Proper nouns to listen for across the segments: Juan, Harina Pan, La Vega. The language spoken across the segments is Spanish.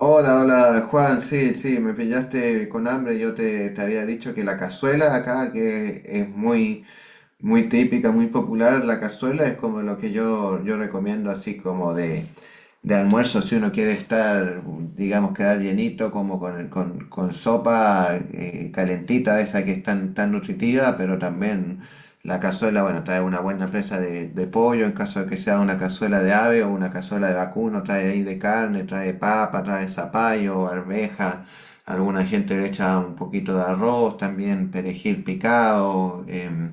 Hola, hola Juan, sí, sí, me pillaste con hambre. Yo te había dicho que la cazuela acá que es muy, muy típica, muy popular. La cazuela es como lo que yo recomiendo así como de almuerzo, si uno quiere estar, digamos, quedar llenito, como con sopa calentita, de esa que es tan, tan nutritiva, pero también la cazuela, bueno, trae una buena presa de pollo, en caso de que sea una cazuela de ave o una cazuela de vacuno, trae ahí de carne, trae papa, trae zapallo, arveja. Alguna gente le echa un poquito de arroz, también perejil picado. em,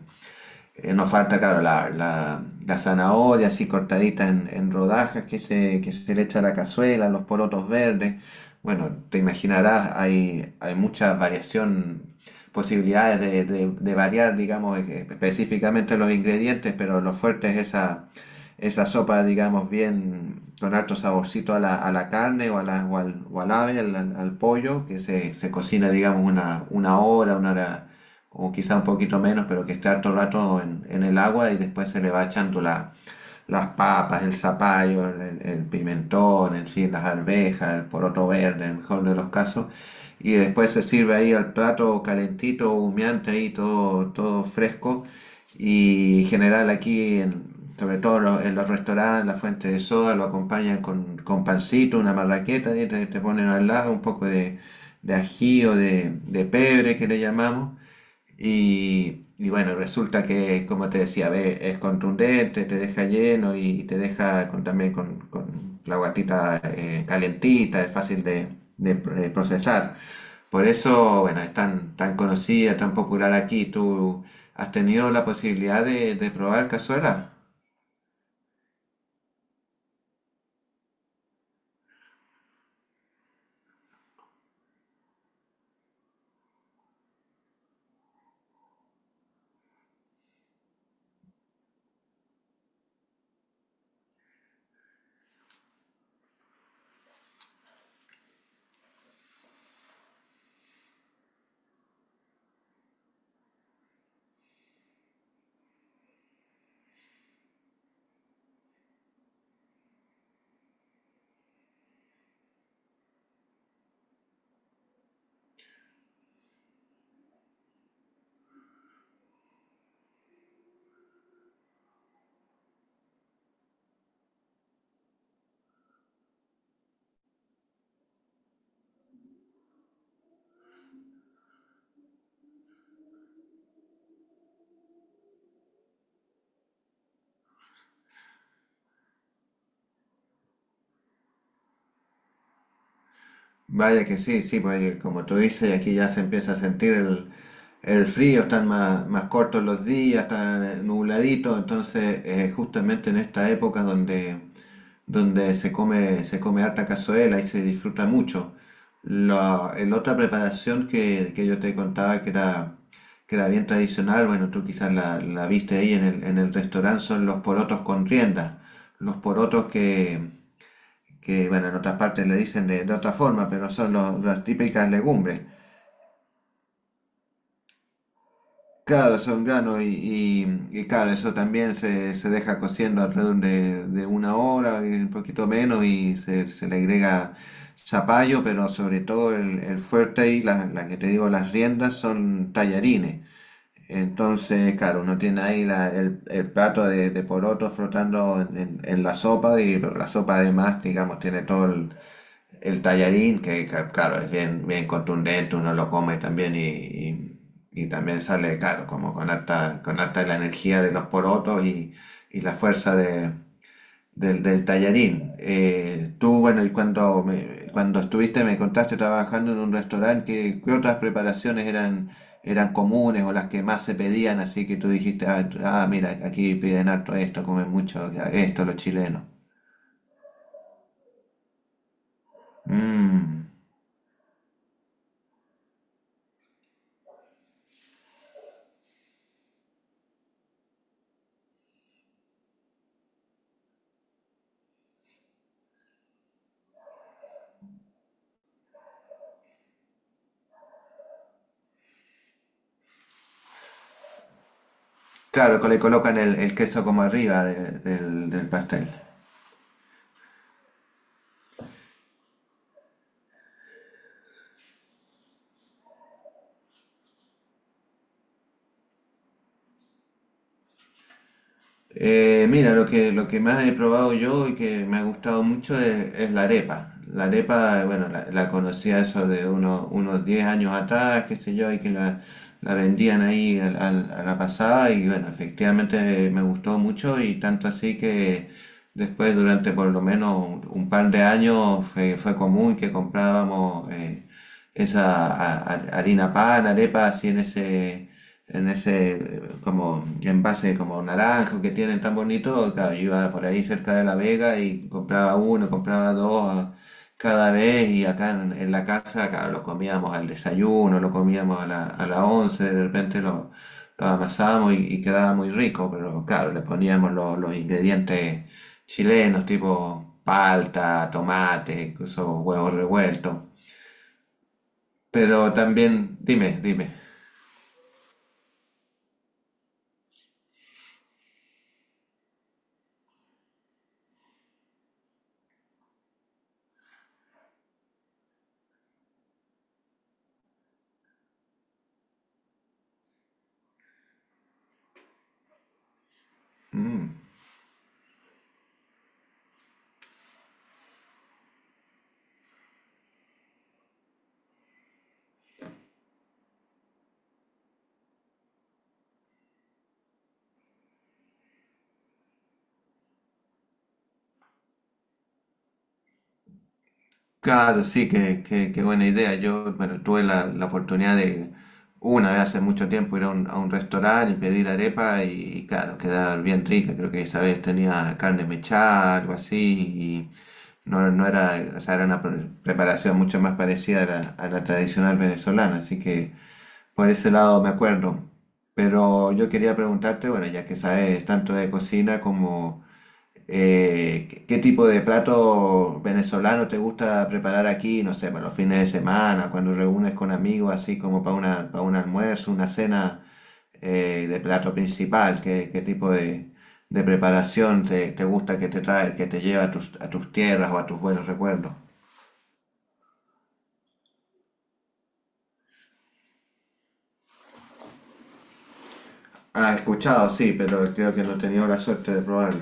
eh, nos falta, claro, la zanahoria así cortadita en rodajas que se le echa a la cazuela, los porotos verdes. Bueno, te imaginarás, hay mucha variación, posibilidades de variar, digamos, específicamente los ingredientes, pero lo fuerte es esa sopa, digamos, bien con harto saborcito a la carne o, a la, o al ave, al pollo, que se cocina, digamos, una hora o quizá un poquito menos, pero que esté harto rato en el agua y después se le va echando las papas, el zapallo, el pimentón, en fin, las arvejas, el poroto verde, en el mejor de los casos, y después se sirve ahí al plato calentito, humeante ahí, todo, todo fresco, y en general aquí, sobre todo en los restaurantes, las fuentes de soda, lo acompañan con pancito, una marraqueta, y te ponen al lado un poco de ají o de pebre que le llamamos y bueno, resulta que, como te decía, ve, es contundente, te deja lleno y, te deja también con la guatita calentita, es fácil de procesar. Por eso, bueno, es tan, tan conocida, tan popular aquí. ¿Tú has tenido la posibilidad de probar cazuela? Vaya que sí, sí, pues como tú dices, aquí ya se empieza a sentir el frío, están más, más cortos los días, están nubladitos, entonces justamente en esta época donde, donde se come harta cazuela y se disfruta mucho. El otra preparación que yo te contaba que era bien tradicional, bueno, tú quizás la viste ahí en el restaurante, son los porotos con rienda. Los porotos que bueno, en otras partes le dicen de otra forma, pero son las típicas legumbres. Claro, son granos y claro, eso también se deja cociendo alrededor de una hora, y un poquito menos, y se le agrega zapallo, pero sobre todo el fuerte y las que te digo, las riendas son tallarines. Entonces, claro, uno tiene ahí el plato de poroto flotando en, en la sopa, y pero la sopa además, digamos, tiene todo el tallarín, que, claro, es bien, bien contundente, uno lo come también y también sale, claro, como con harta la energía de los porotos y la fuerza del tallarín. Tú, bueno, y cuando estuviste, me contaste trabajando en un restaurante, ¿qué otras preparaciones eran comunes o las que más se pedían? Así que tú dijiste, ah, ah, mira, aquí piden harto esto, comen mucho esto los chilenos. Mm. Claro, que le colocan el queso como arriba del pastel. Mira, lo que más he probado yo y que me ha gustado mucho es la arepa. La arepa, bueno, la conocía eso de unos 10 años atrás, qué sé yo, y que la vendían ahí a la pasada y bueno, efectivamente me gustó mucho y tanto así que después durante por lo menos un par de años fue común que comprábamos esa harina pan, arepa, así en ese como envase como naranjo que tienen tan bonito, claro, yo iba por ahí cerca de La Vega y compraba uno, compraba dos cada vez y acá en la casa, claro, lo comíamos al desayuno, lo comíamos a la once, de repente lo amasábamos y quedaba muy rico, pero claro, le poníamos los ingredientes chilenos, tipo palta, tomate, incluso huevos revueltos. Pero también, dime, dime. Mm. Claro, sí, qué buena idea. Yo, bueno, tuve la oportunidad de una vez hace mucho tiempo ir a un restaurante y pedir arepa y claro, quedaba bien rica. Creo que esa vez tenía carne mechada, algo así, y no era, o sea, era una preparación mucho más parecida a la tradicional venezolana, así que por ese lado me acuerdo. Pero yo quería preguntarte, bueno, ya que sabes tanto de cocina como... ¿Qué tipo de plato venezolano te gusta preparar aquí? No sé, para los fines de semana, cuando reúnes con amigos, así como para para un almuerzo, una cena, de plato principal. ¿Qué tipo de preparación te gusta que te lleva a tus tierras o a tus buenos recuerdos? Ah, he escuchado, sí, pero creo que no he tenido la suerte de probarlo.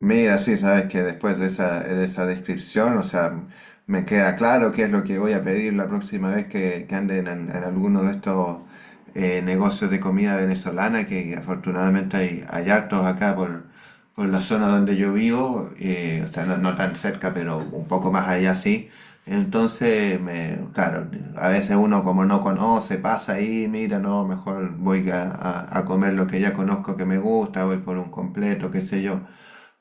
Mira, sí, sabes que después de esa descripción, o sea, me queda claro qué es lo que voy a pedir la próxima vez que anden en alguno de estos negocios de comida venezolana, que afortunadamente hay hartos acá por la zona donde yo vivo, o sea, no tan cerca, pero un poco más allá sí. Entonces, claro, a veces uno como no conoce, pasa ahí, mira, no, mejor voy a comer lo que ya conozco que me gusta, voy por un completo, qué sé yo.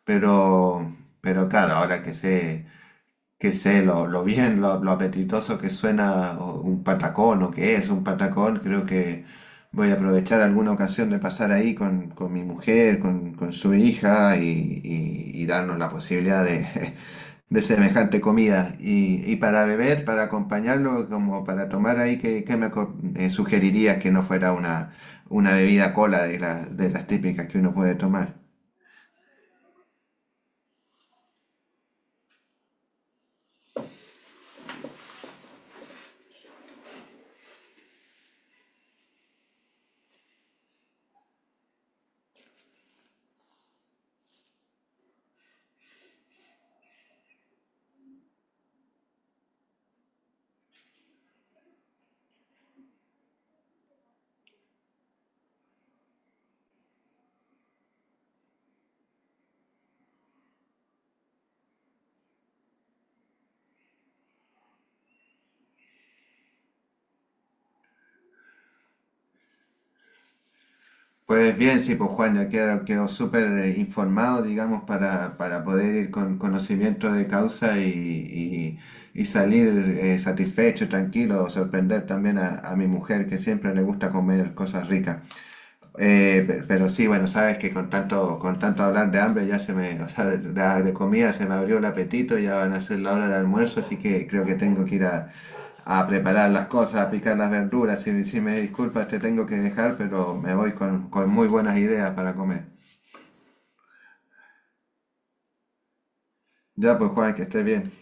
Pero, pero claro, ahora que sé lo bien, lo apetitoso que suena un patacón o que es un patacón, creo que voy a aprovechar alguna ocasión de pasar ahí con mi mujer, con su hija y darnos la posibilidad de, de semejante comida. Y para beber, para acompañarlo, como para tomar ahí, ¿qué sugerirías que no fuera una bebida cola de las típicas que uno puede tomar? Pues bien, sí, pues Juan, ya quedo, quedo súper informado, digamos, para poder ir con conocimiento de causa y salir satisfecho, tranquilo, sorprender también a mi mujer que siempre le gusta comer cosas ricas. Pero sí, bueno, sabes que con tanto hablar de hambre ya se me, o sea, de comida se me abrió el apetito, ya van a ser la hora de almuerzo, así que creo que tengo que ir a preparar las cosas, a picar las verduras. Si me disculpas, te tengo que dejar, pero me voy con muy buenas ideas para comer. Ya, pues Juan, que estés bien.